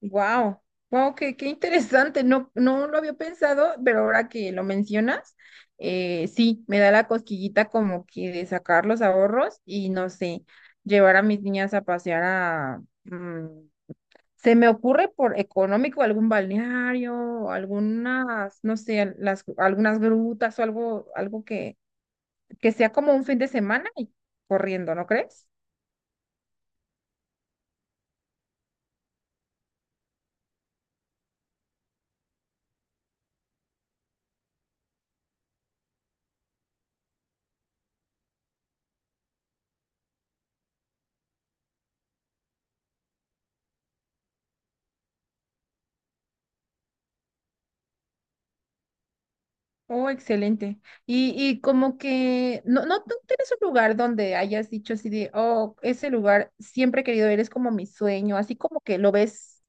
Wow, wow, qué interesante. No lo había pensado, pero ahora que lo mencionas, sí, me da la cosquillita como que de sacar los ahorros y no sé, llevar a mis niñas a pasear se me ocurre por económico algún balneario, algunas, no sé, las, algunas grutas o algo, que sea como un fin de semana y corriendo, ¿no crees? Oh, excelente. Y como que, no, no, ¿tú tienes un lugar donde hayas dicho así de, oh, ese lugar siempre he querido ir, es como mi sueño, así como que lo ves,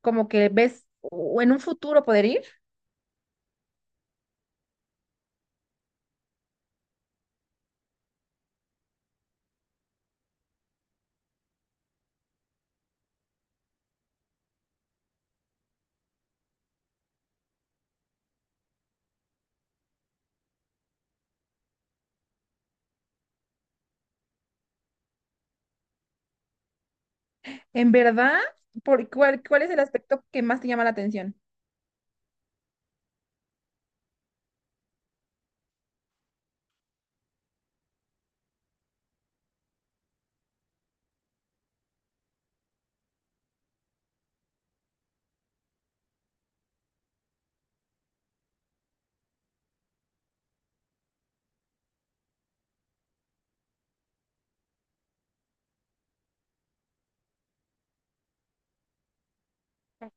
como que ves o en un futuro poder ir? ¿En verdad? Por ¿cuál es el aspecto que más te llama la atención?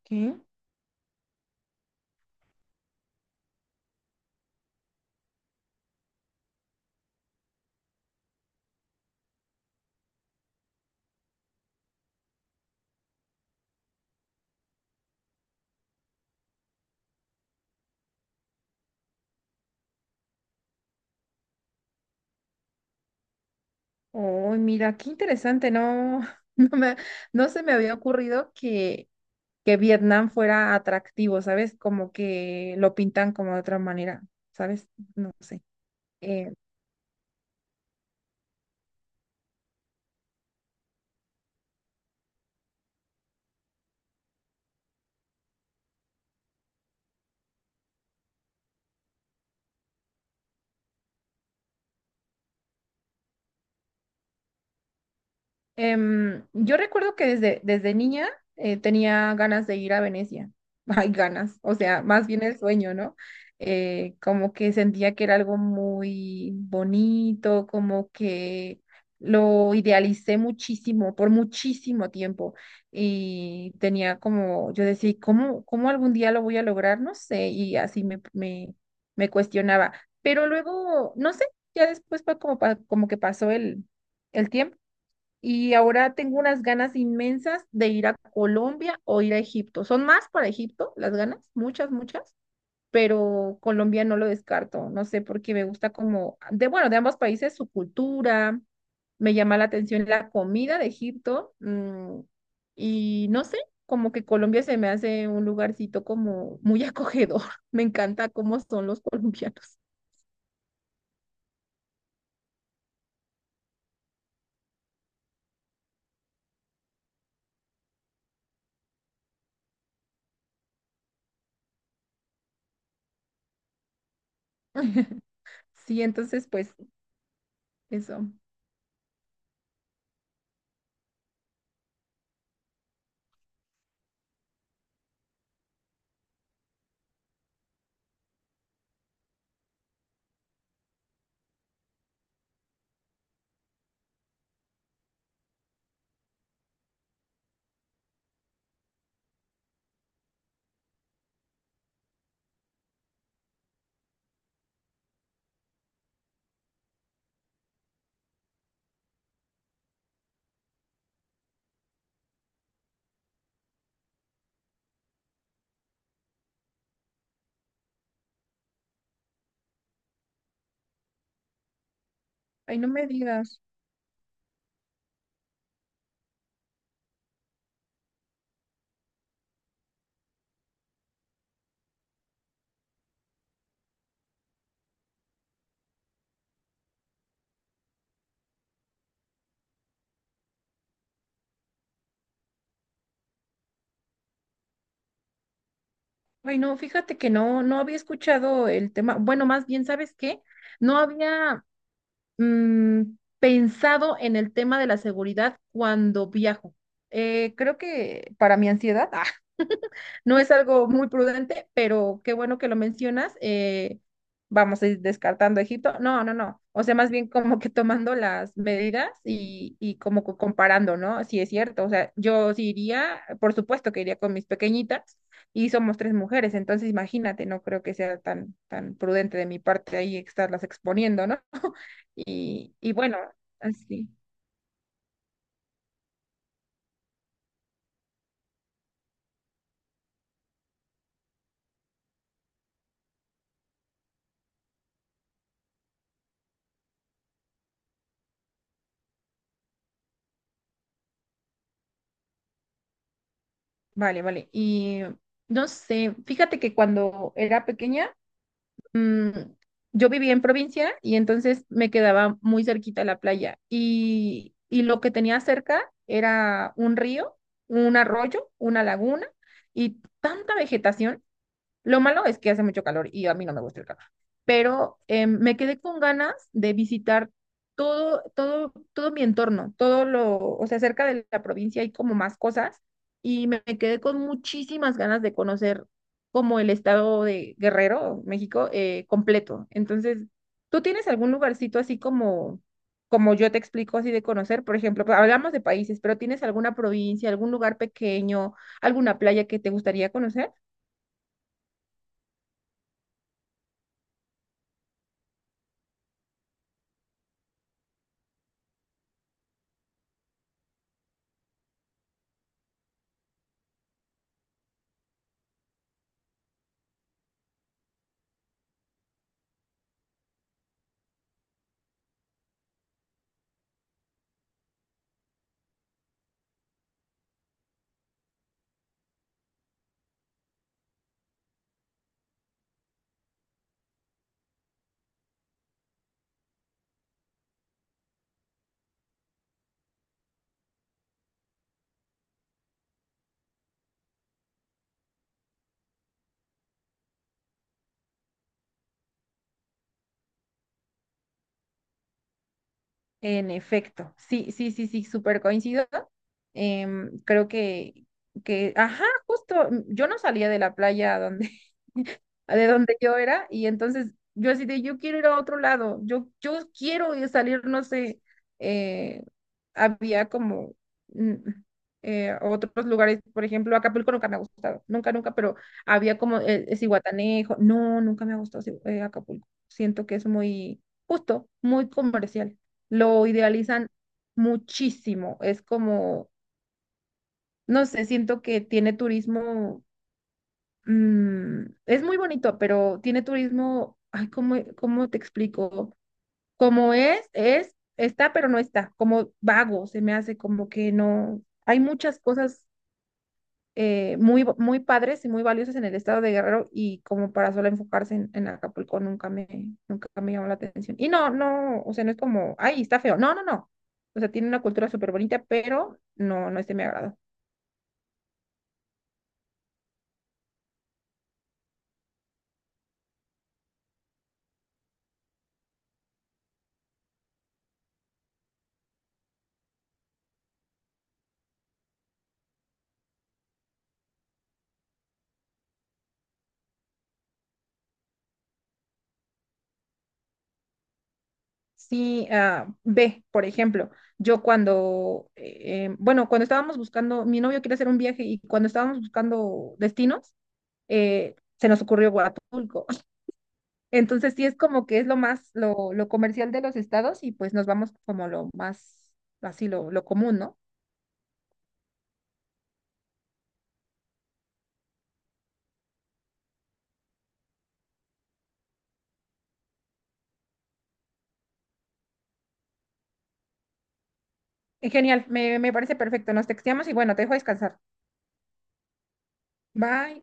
Qué. Oh, mira, qué interesante, no me, no se me había ocurrido que Vietnam fuera atractivo, ¿sabes? Como que lo pintan como de otra manera, ¿sabes? No sé. Em, yo recuerdo que desde niña tenía ganas de ir a Venecia. Hay ganas, o sea, más bien el sueño, ¿no? Como que sentía que era algo muy bonito, como que lo idealicé muchísimo, por muchísimo tiempo. Y tenía como, yo decía, cómo algún día lo voy a lograr? No sé, y así me cuestionaba. Pero luego, no sé, ya después fue como, como que pasó el tiempo y ahora tengo unas ganas inmensas de ir a Colombia o ir a Egipto. Son más para Egipto las ganas, muchas, muchas, pero Colombia no lo descarto. No sé, porque me gusta como, de bueno, de ambos países su cultura, me llama la atención la comida de Egipto, mm, y no sé, como que Colombia se me hace un lugarcito como muy acogedor. Me encanta cómo son los colombianos. Sí, entonces pues eso. Ay, no me digas. Ay, no, fíjate que no, no había escuchado el tema. Bueno, más bien, ¿sabes qué? No había mm, pensado en el tema de la seguridad cuando viajo. Creo que para mi ansiedad no es algo muy prudente, pero qué bueno que lo mencionas. Vamos a ir descartando a Egipto. No, no, no. O sea, más bien como que tomando las medidas y como comparando, ¿no? Si es cierto. O sea, yo sí iría, por supuesto que iría con mis pequeñitas y somos tres mujeres, entonces imagínate, no creo que sea tan, tan prudente de mi parte ahí estarlas exponiendo, ¿no? Y bueno, así. Vale, vale. Y no sé, fíjate que cuando era pequeña, mm, yo vivía en provincia y entonces me quedaba muy cerquita la playa y lo que tenía cerca era un río, un arroyo, una laguna y tanta vegetación. Lo malo es que hace mucho calor y a mí no me gusta el calor, pero me quedé con ganas de visitar todo, todo, todo mi entorno, todo lo, o sea, cerca de la provincia hay como más cosas y me quedé con muchísimas ganas de conocer como el estado de Guerrero, México, completo. Entonces, ¿tú tienes algún lugarcito así como, como yo te explico, así de conocer? Por ejemplo, pues, hablamos de países, pero ¿tienes alguna provincia, algún lugar pequeño, alguna playa que te gustaría conocer? En efecto, sí, sí, sí, sí, súper coincido. Creo que, ajá, justo, mm, yo no salía de la playa de donde yo era, y entonces yo así de, yo quiero ir a otro lado, yo salir, no sé, eh, había como mm, otros lugares, por ejemplo, Acapulco nunca me ha gustado, nunca, nunca, pero había como Zihuatanejo, no, nunca me ha gustado Acapulco, siento que es muy justo, muy comercial, lo idealizan muchísimo, es como, no sé, siento que tiene turismo mm, es muy bonito, pero tiene turismo, ay, cómo te explico? Como está, pero no está, como vago, se me hace como que no, hay muchas cosas muy, muy padres y muy valiosas en el estado de Guerrero y como para solo enfocarse en Acapulco nunca nunca me llamó la atención. Y no, no, o sea, no es como, ay, está feo, no, no, no. O sea, tiene una cultura súper bonita, pero no, no es de mi agrado. Sí, ah, ve, por ejemplo, yo cuando, bueno, cuando estábamos buscando, mi novio quiere hacer un viaje y cuando estábamos buscando destinos, se nos ocurrió Huatulco. Entonces sí es como que es lo más, lo comercial de los estados y pues nos vamos como lo más, así lo común, ¿no? Genial, me parece perfecto. Nos texteamos y bueno, te dejo descansar. Bye.